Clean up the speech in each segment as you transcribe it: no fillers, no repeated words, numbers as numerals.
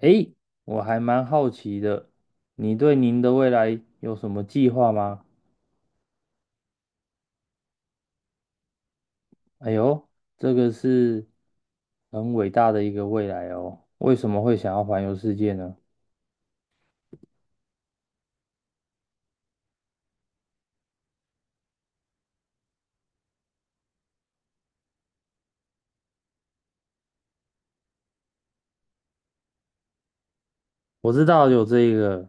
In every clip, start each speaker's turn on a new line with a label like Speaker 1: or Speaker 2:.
Speaker 1: 诶，我还蛮好奇的，你对您的未来有什么计划吗？哎呦，这个是很伟大的一个未来哦。为什么会想要环游世界呢？我知道有这一个，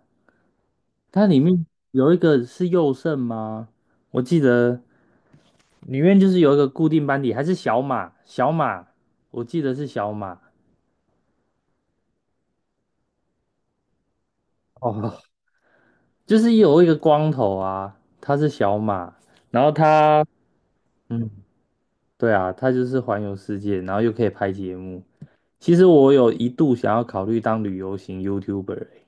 Speaker 1: 它里面有一个是右肾吗？我记得里面就是有一个固定班底，还是小马？小马，我记得是小马。哦，就是有一个光头啊，他是小马，然后他。嗯。对啊，它就是环游世界，然后又可以拍节目。其实我有一度想要考虑当旅游型 YouTuber 欸。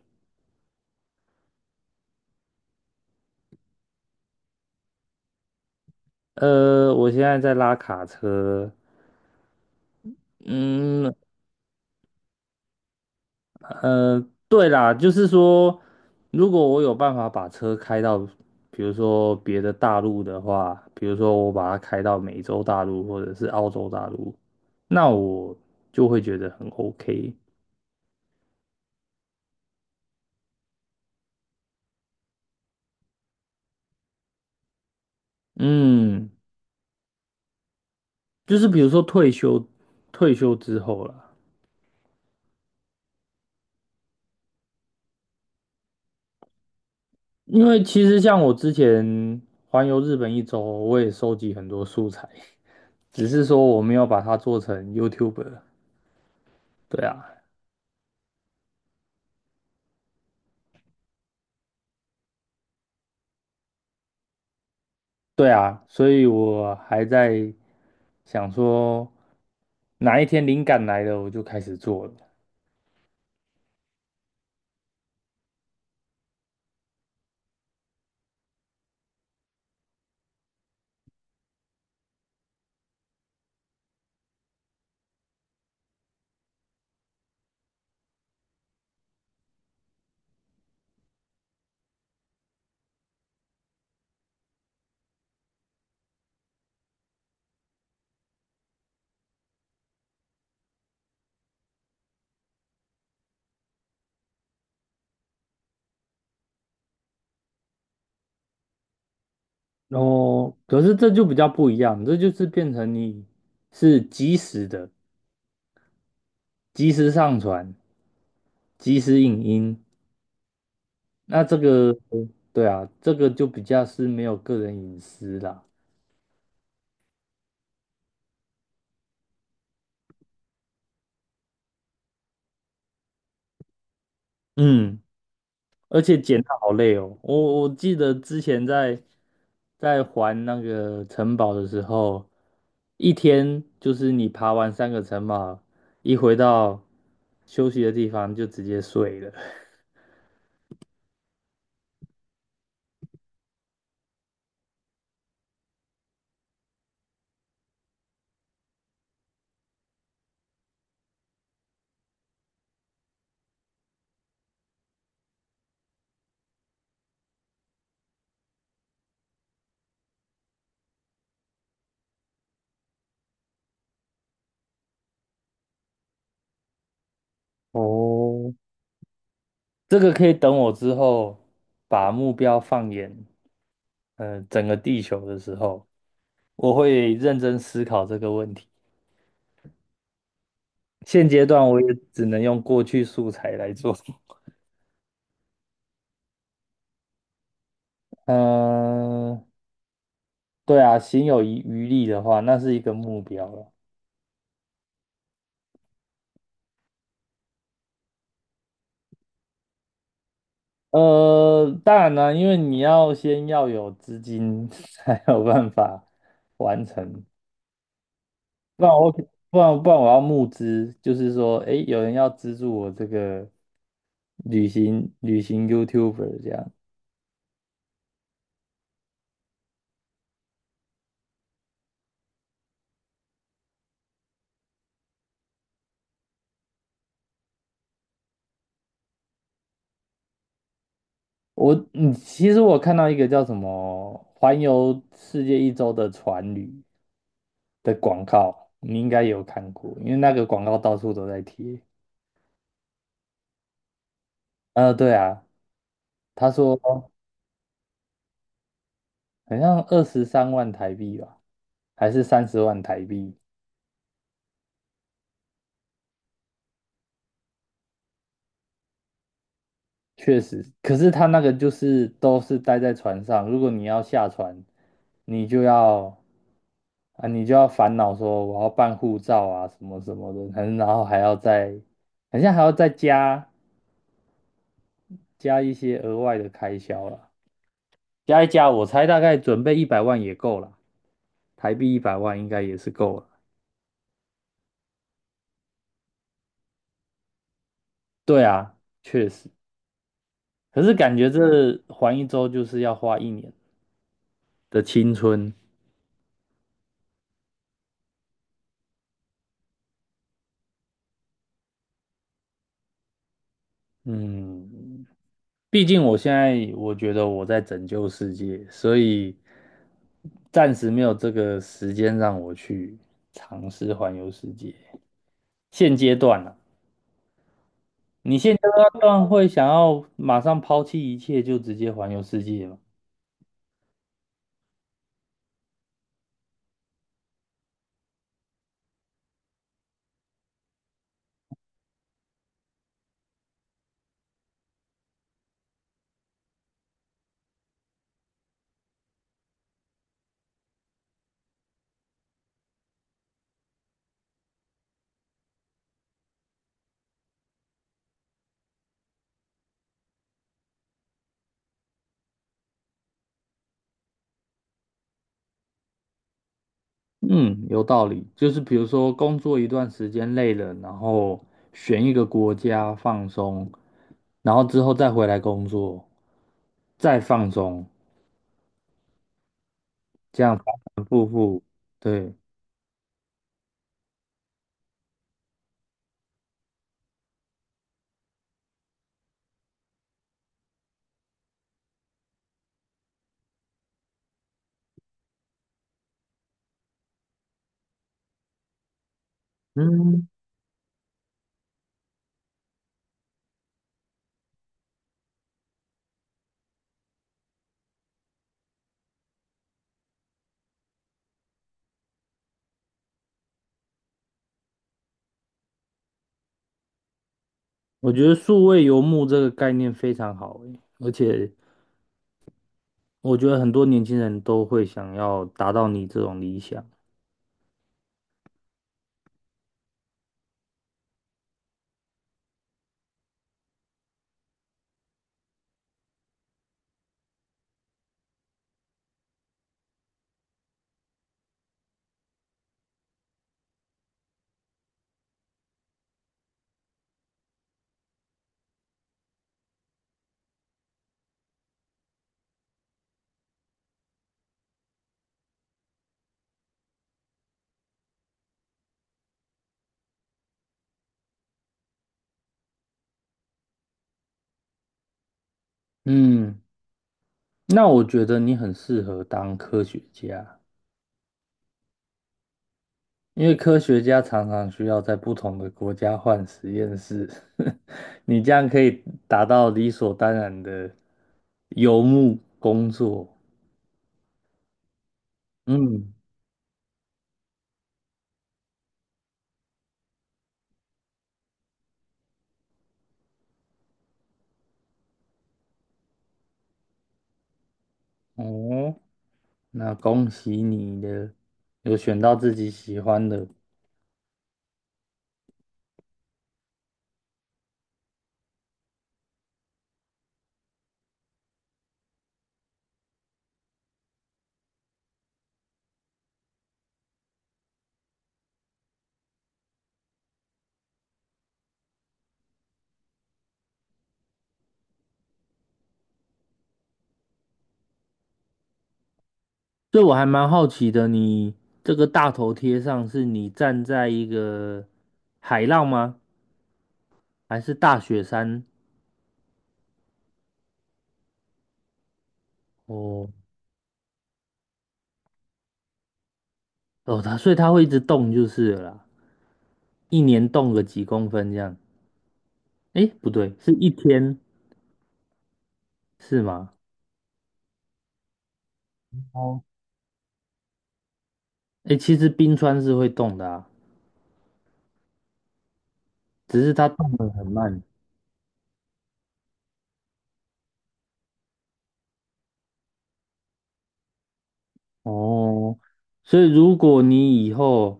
Speaker 1: 我现在在拉卡车，嗯。呃，对啦，就是说，如果我有办法把车开到，比如说别的大陆的话，比如说我把它开到美洲大陆或者是澳洲大陆，那我就会觉得很 OK。嗯，就是比如说退休，退休之后啦。因为其实像我之前环游日本一周，我也收集很多素材，只是说我没有把它做成 YouTuber。对啊，对啊，所以我还在想说，哪一天灵感来了，我就开始做了。然后，可是这就比较不一样，这就是变成你是及时的，及时上传，及时影音。那这个，对啊，这个就比较是没有个人隐私啦。嗯。而且剪它好累哦。我记得之前在在还那个城堡的时候，一天就是你爬完三个城堡，一回到休息的地方就直接睡了。哦，这个可以等我之后把目标放眼整个地球的时候，我会认真思考这个问题。现阶段我也只能用过去素材来做。嗯、对啊，行有余力的话，那是一个目标了。当然呢，因为你要先要有资金 才有办法完成，不然我要募资，就是说，诶，有人要资助我这个旅行 YouTuber 这样。我嗯，其实我看到一个叫什么"环游世界一周"的船旅的广告，你应该有看过，因为那个广告到处都在贴。对啊，他说。好像23万台币吧，还是30万台币？确实，可是他那个就是都是待在船上，如果你要下船，你就要啊，你就要烦恼说我要办护照啊，什么什么的，然后还要再，好像还要再加一些额外的开销了，加一加，我猜大概准备一百万也够了，台币一百万应该也是够了。对啊，确实，可是感觉这环一周就是要花一年的青春。嗯，毕竟我现在我觉得我在拯救世界，所以暂时没有这个时间让我去尝试环游世界。现阶段啊，你现阶段会想要马上抛弃一切就直接环游世界吗？嗯，有道理。就是比如说工作一段时间累了，然后选一个国家放松，然后之后再回来工作，再放松，这样反反复复，对。嗯，我觉得数位游牧这个概念非常好诶，而且我觉得很多年轻人都会想要达到你这种理想。嗯，那我觉得你很适合当科学家，因为科学家常常需要在不同的国家换实验室，你这样可以达到理所当然的游牧工作。嗯，哦，那恭喜你的，有选到自己喜欢的。所以我还蛮好奇的，你这个大头贴上是你站在一个海浪吗？还是大雪山？哦哦，所以它会一直动就是了啦，一年动个几公分这样。诶，不对，是一天是吗？哦，诶，其实冰川是会动的啊，只是它动得很慢。哦，所以如果你以后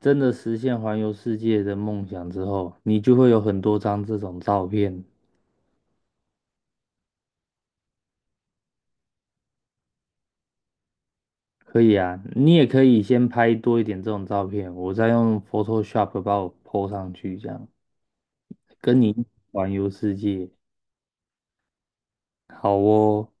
Speaker 1: 真的实现环游世界的梦想之后，你就会有很多张这种照片。可以啊，你也可以先拍多一点这种照片，我再用 Photoshop 把我 po 上去，这样跟你一起环游世界。好哦。